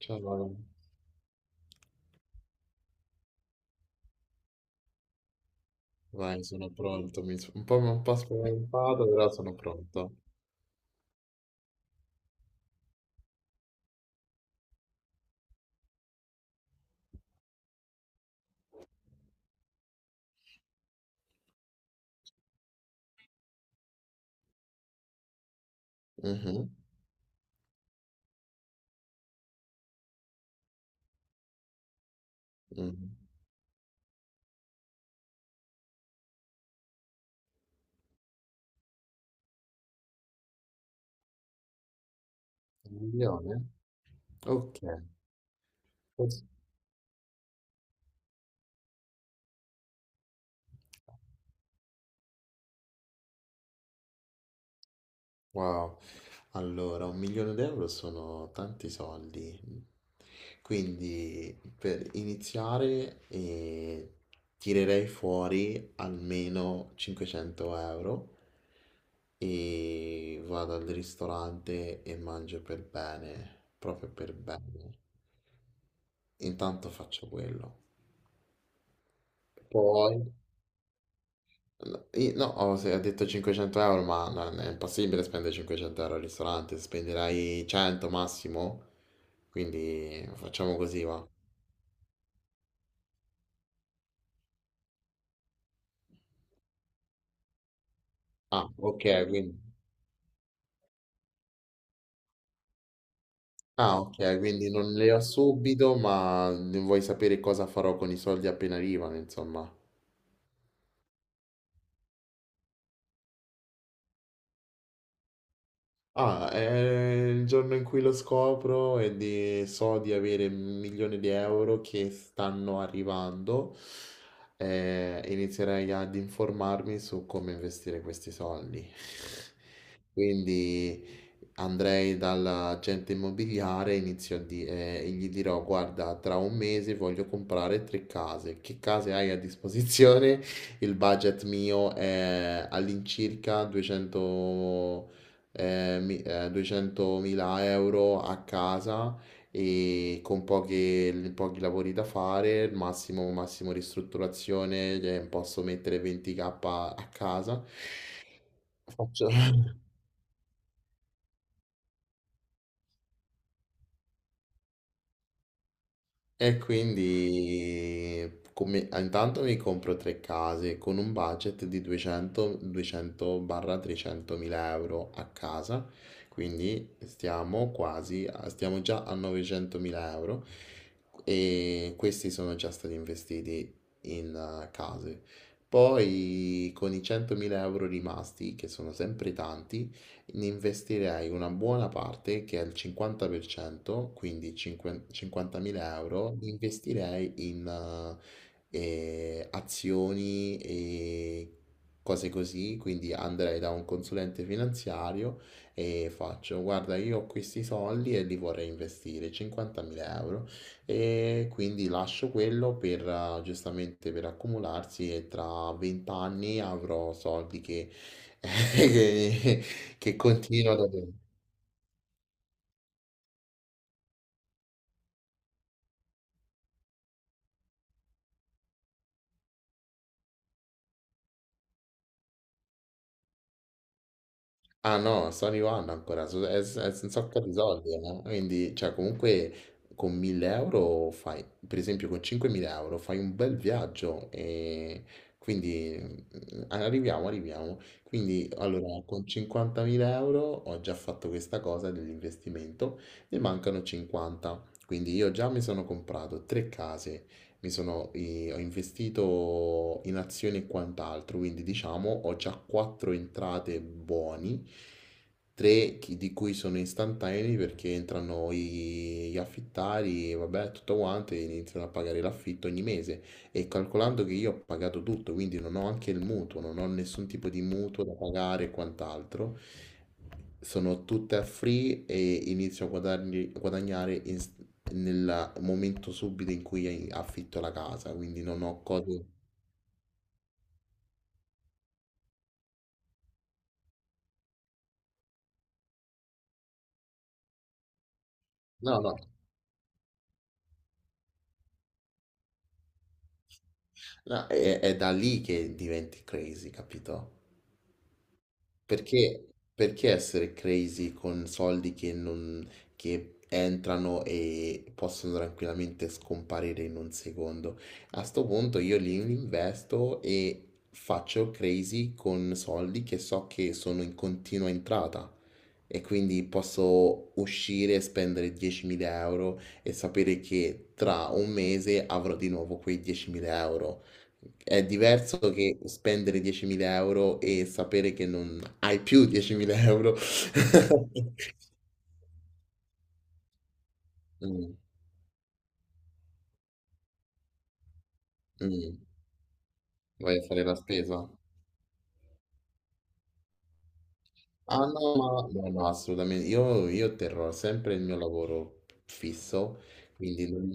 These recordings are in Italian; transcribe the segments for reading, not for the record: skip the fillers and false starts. Ciao, Laura. Vai, sono pronto. Un po' spaventato, però sono pronto. Mhm, mhm. Un milione? Ok. Wow, allora un milione d'euro sono tanti soldi, quindi per iniziare tirerei fuori almeno 500 euro e vado al ristorante e mangio per bene, proprio per bene. Intanto faccio quello. Poi No, no, ho se- ho detto 500 euro, ma non è impossibile spendere 500 euro al ristorante, spenderai 100 massimo, quindi facciamo così, va. Ah, ok, quindi, ah, ok, quindi non le ho subito, ma vuoi sapere cosa farò con i soldi appena arrivano, insomma. È il giorno in cui lo scopro e so di avere un milione di euro che stanno arrivando, inizierei ad informarmi su come investire questi soldi. Quindi andrei dall'agente immobiliare e e gli dirò: "Guarda, tra un mese voglio comprare tre case. Che case hai a disposizione?" Il budget mio è all'incirca 200.000, 200.000 euro a casa e con pochi lavori da fare, massimo, massimo ristrutturazione, posso mettere 20k a casa. Faccio... E quindi intanto mi compro tre case con un budget di 200, 200-300.000 euro a casa, quindi stiamo già a 900.000 euro e questi sono già stati investiti in case. Poi con i 100.000 euro rimasti, che sono sempre tanti, investirei una buona parte, che è il 50%, quindi 5 50.000 euro, li investirei in azioni e cose così, quindi andrei da un consulente finanziario e faccio, guarda, io ho questi soldi e li vorrei investire, 50.000 euro, e quindi lascio quello per, giustamente per accumularsi e tra 20 anni avrò soldi che... Che continuano ad avere. Ah no, Sony One ancora, è senza un sacco di soldi, no? Quindi, cioè, comunque con 1000 euro fai, per esempio con 5.000 euro fai un bel viaggio e quindi arriviamo. Quindi, allora, con 50.000 euro ho già fatto questa cosa dell'investimento, ne mancano 50. Quindi io già mi sono comprato tre case, mi sono, ho investito in azioni e quant'altro, quindi diciamo ho già quattro entrate buoni, di cui sono istantanei perché entrano gli affittari, vabbè, tutto quanto e iniziano a pagare l'affitto ogni mese e calcolando che io ho pagato tutto, quindi non ho anche il mutuo, non ho nessun tipo di mutuo da pagare e quant'altro. Sono tutte a free e inizio a guadagnare nel momento subito in cui affitto la casa, quindi non ho cose... No, no, no, è da lì che diventi crazy, capito? Perché, perché essere crazy con soldi che, non, che entrano e possono tranquillamente scomparire in un secondo? A sto punto io li investo e faccio crazy con soldi che so che sono in continua entrata e quindi posso uscire e spendere 10.000 euro e sapere che tra un mese avrò di nuovo quei 10.000 euro. È diverso che spendere 10.000 euro e sapere che non hai più 10.000 euro? Mm, mm. Vai a fare la spesa? Ah no, ma no, no, assolutamente. Io terrò sempre il mio lavoro fisso, quindi non,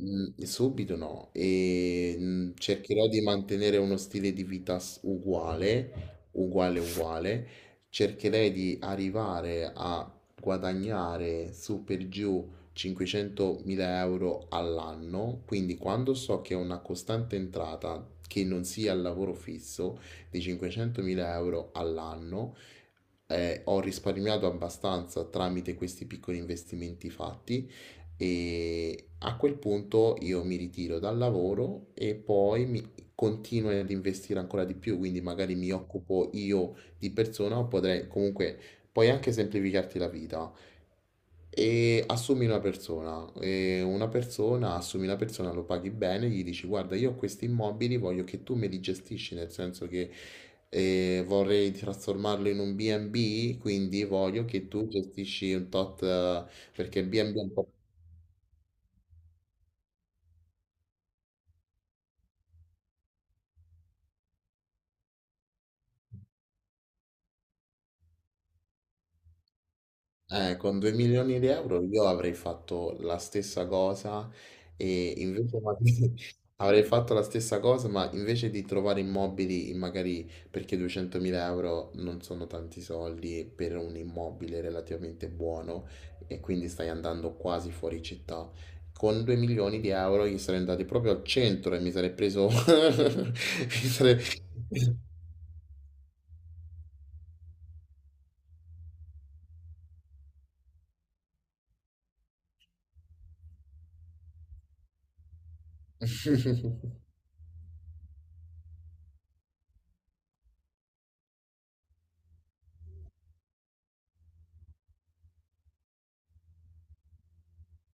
Subito no, e cercherò di mantenere uno stile di vita uguale, uguale, uguale. Cercherei di arrivare a guadagnare su per giù 500.000 euro all'anno, quindi quando so che ho una costante entrata che non sia il lavoro fisso di 500.000 euro all'anno, ho risparmiato abbastanza tramite questi piccoli investimenti fatti e a quel punto io mi ritiro dal lavoro e poi mi continuo ad investire ancora di più, quindi magari mi occupo io di persona o potrei comunque puoi anche semplificarti la vita. E assumi una persona, assumi una persona, lo paghi bene, gli dici guarda, io ho questi immobili, voglio che tu me li gestisci, nel senso che vorrei trasformarlo in un B&B, quindi voglio che tu gestisci un tot, perché il B&B è un po'. Con 2 milioni di euro io avrei fatto la stessa cosa e invece magari avrei fatto la stessa cosa, ma invece di trovare immobili, magari perché 200.000 euro non sono tanti soldi per un immobile relativamente buono e quindi stai andando quasi fuori città. Con 2 milioni di euro io sarei andato proprio al centro e mi sarei preso...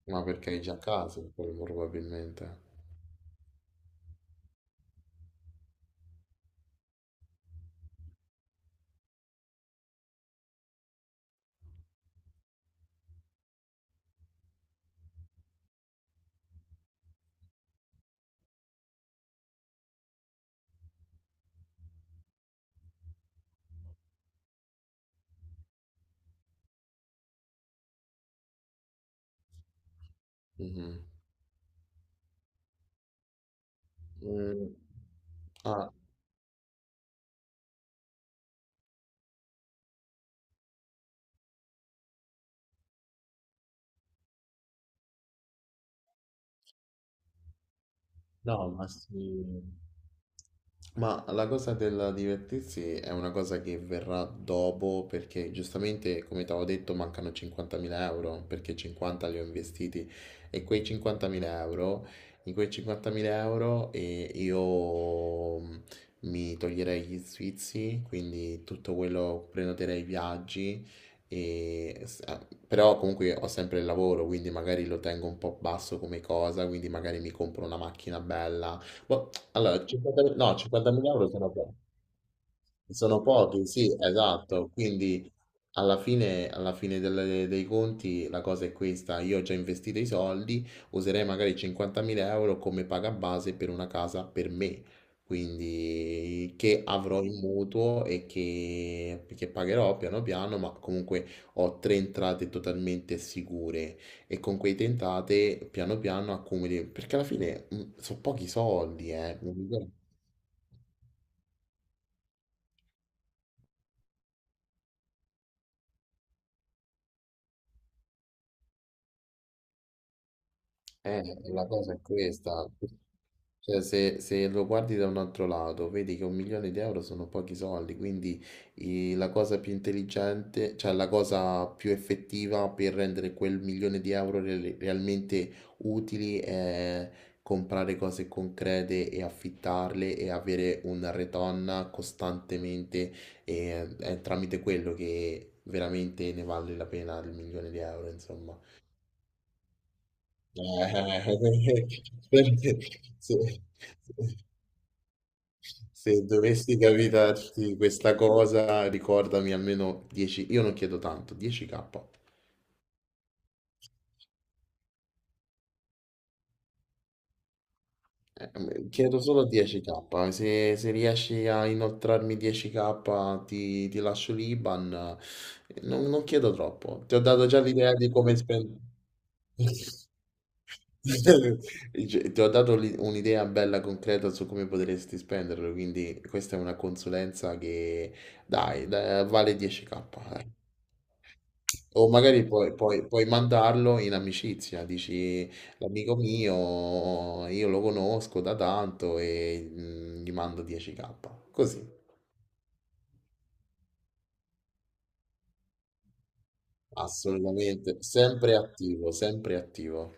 Ma perché hai già casa, probabilmente. Mhm. Mm. Ah, no, ma sì. Ma la cosa del divertirsi è una cosa che verrà dopo perché giustamente, come ti avevo detto, mancano 50.000 euro perché 50 li ho investiti e quei 50.000 euro io mi toglierei gli sfizi, quindi tutto quello prenoterei i viaggi, e, s- ah, però comunque ho sempre il lavoro, quindi magari lo tengo un po' basso come cosa, quindi magari mi compro una macchina bella ma allora 50 no, 50.000 euro € sono pochi. Sono pochi, sì, esatto. Quindi alla fine, dei conti la cosa è questa. Io ho già investito i soldi, userei magari 50.000 euro come paga base per una casa per me. Quindi che avrò in mutuo e che pagherò piano piano, ma comunque ho tre entrate totalmente sicure e con quei tentate piano piano accumuli, perché alla fine sono pochi soldi, eh. Eh, la cosa è questa. Cioè, se, se lo guardi da un altro lato, vedi che un milione di euro sono pochi soldi, quindi la cosa più intelligente, cioè la cosa più effettiva per rendere quel milione di euro realmente utili è comprare cose concrete e affittarle e avere una retorn costantemente e è tramite quello che veramente ne vale la pena il milione di euro, insomma. Eh, se- se- Se dovessi capitarti questa cosa, ricordami almeno 10, io non chiedo tanto, 10k. Chiedo solo 10k, se, se riesci a inoltrarmi 10k ti, ti lascio l'IBAN. Non, non chiedo troppo, ti ho dato già l'idea di come spendere. Cioè, ti ho dato un'idea bella concreta su come potresti spenderlo, quindi questa è una consulenza che vale 10k. O magari puoi, puoi mandarlo in amicizia, dici l'amico mio, io lo conosco da tanto e gli mando 10k. Così, assolutamente, sempre attivo, sempre attivo.